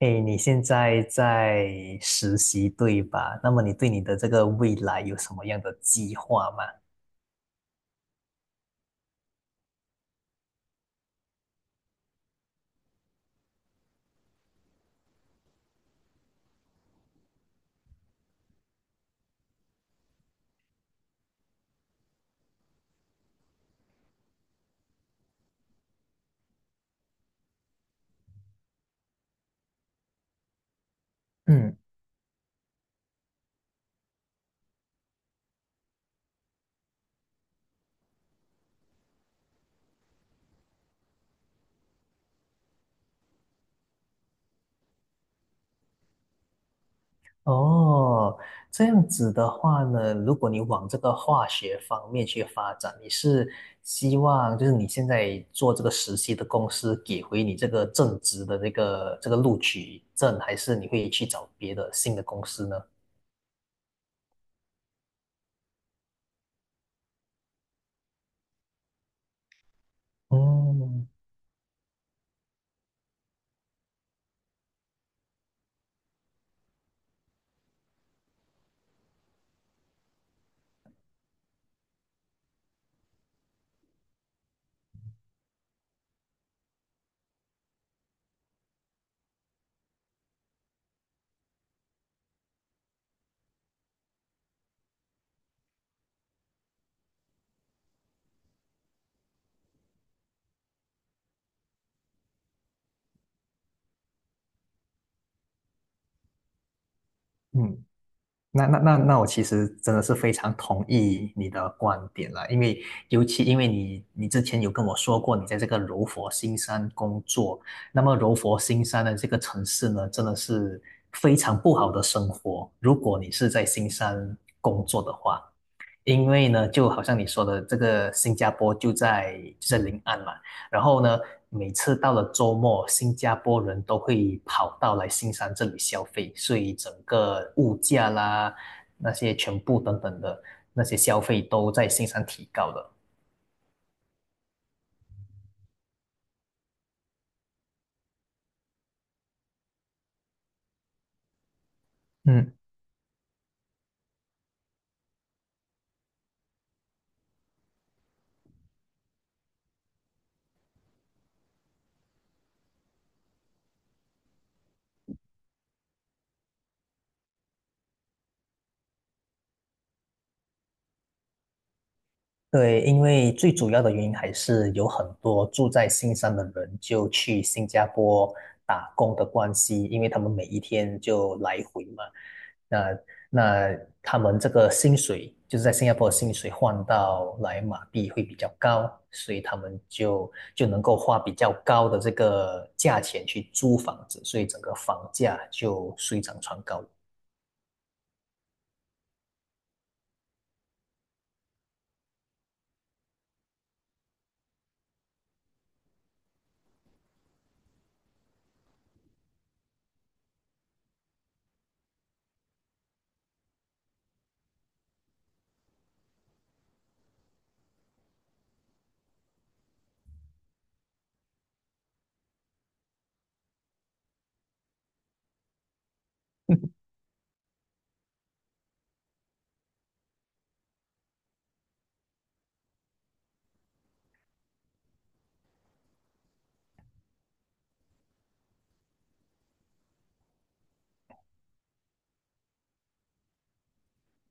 诶，你现在在实习对吧？那么你对你的这个未来有什么样的计划吗？嗯。哦，这样子的话呢，如果你往这个化学方面去发展，你是希望就是你现在做这个实习的公司给回你这个正职的这个录取证，还是你会去找别的新的公司呢？嗯。嗯。那我其实真的是非常同意你的观点啦，因为尤其因为你之前有跟我说过你在这个柔佛新山工作，那么柔佛新山的这个城市呢，真的是非常不好的生活，如果你是在新山工作的话。因为呢，就好像你说的，这个新加坡就在临岸嘛，然后呢，每次到了周末，新加坡人都会跑到来新山这里消费，所以整个物价啦，那些全部等等的那些消费都在新山提高的。嗯，对，因为最主要的原因还是有很多住在新山的人就去新加坡打工的关系，因为他们每一天就来回嘛，那那他们这个薪水就是在新加坡的薪水换到来马币会比较高，所以他们就能够花比较高的这个价钱去租房子，所以整个房价就水涨船高。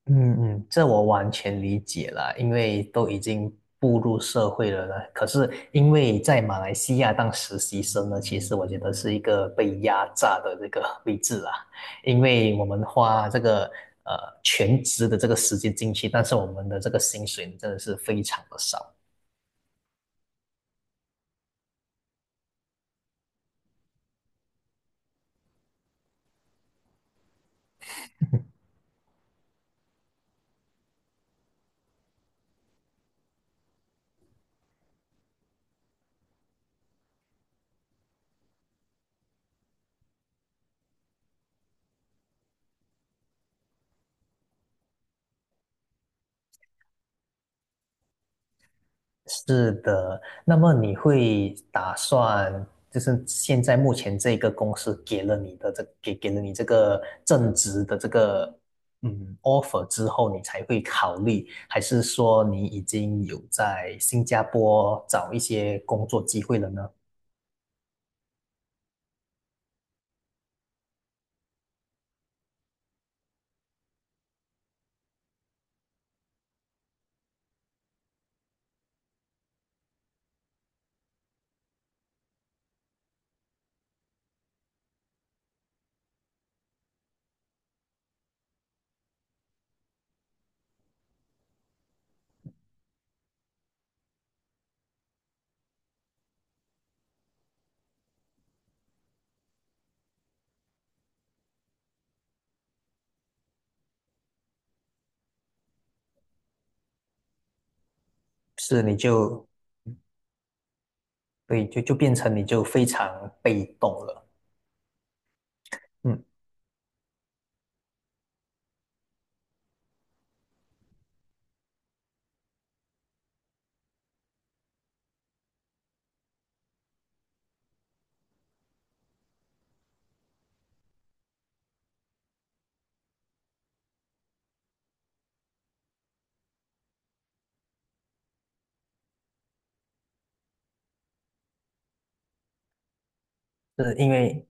嗯嗯，这我完全理解了，因为都已经步入社会了呢。可是因为在马来西亚当实习生呢，其实我觉得是一个被压榨的这个 位置啊，因为我们花这个呃全职的这个时间进去，但是我们的这个薪水真的是非常的少。是的，那么你会打算，就是现在目前这个公司给了你的这给给了你这个正职的这个嗯 offer 之后，你才会考虑，还是说你已经有在新加坡找一些工作机会了呢？是，你就对，就变成你就非常被动了。嗯，是因为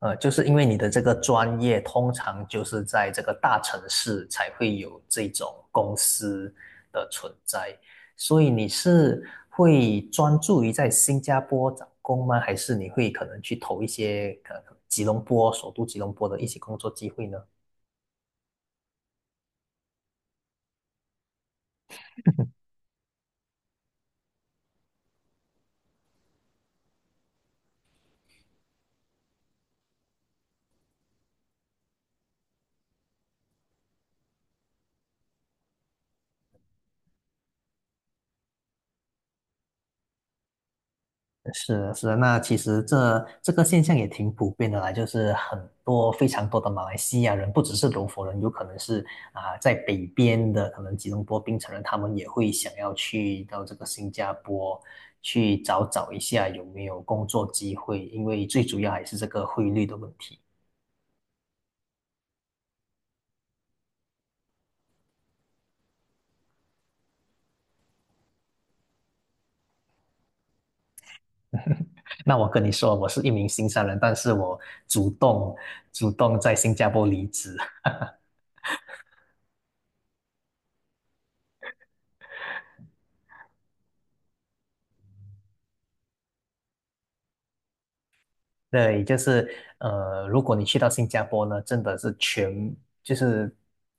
呃，就是因为你的这个专业，通常就是在这个大城市才会有这种公司的存在，所以你是会专注于在新加坡找工吗？还是你会可能去投一些呃吉隆坡首都吉隆坡的一些工作机会呢？是的，是的，那其实这个现象也挺普遍的啦，就是很多非常多的马来西亚人，不只是柔佛人，有可能是啊、在北边的，可能吉隆坡、槟城人，他们也会想要去到这个新加坡去找找一下有没有工作机会，因为最主要还是这个汇率的问题。那我跟你说，我是一名新山人，但是我主动主动在新加坡离职。对，就是呃，如果你去到新加坡呢，真的是全就是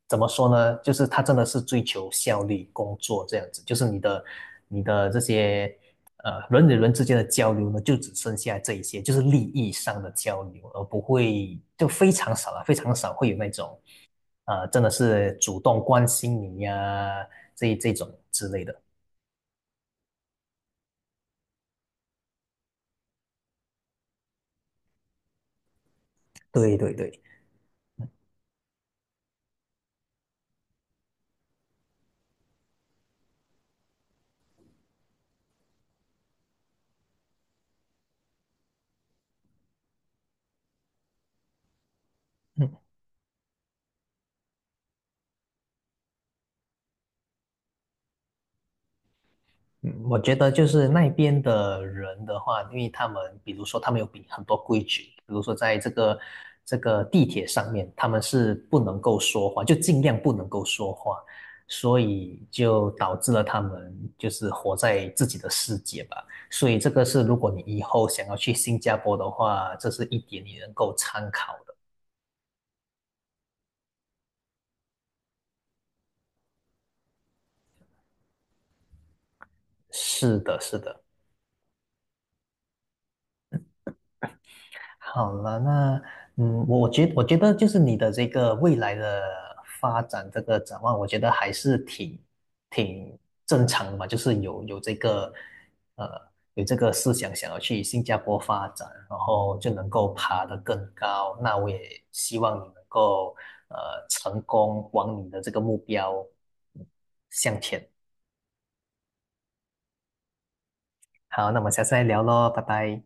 怎么说呢？就是他真的是追求效率工作这样子，就是你的这些呃人与人之间的交流呢，就只剩下这一些，就是利益上的交流，而不会就非常少了，非常少会有那种呃真的是主动关心你呀、这种之类的。对对对。嗯，我觉得就是那边的人的话，因为他们比如说他们有比很多规矩，比如说在这个地铁上面，他们是不能够说话，就尽量不能够说话，所以就导致了他们就是活在自己的世界吧。所以这个是如果你以后想要去新加坡的话，这是一点你能够参考的。是的，是的。好了，那嗯，我觉得就是你的这个未来的发展这个展望，我觉得还是挺正常的嘛，就是有这个呃有这个思想想要去新加坡发展，然后就能够爬得更高。那我也希望你能够呃成功往你的这个目标嗯向前。好，那么下次再聊喽，拜拜。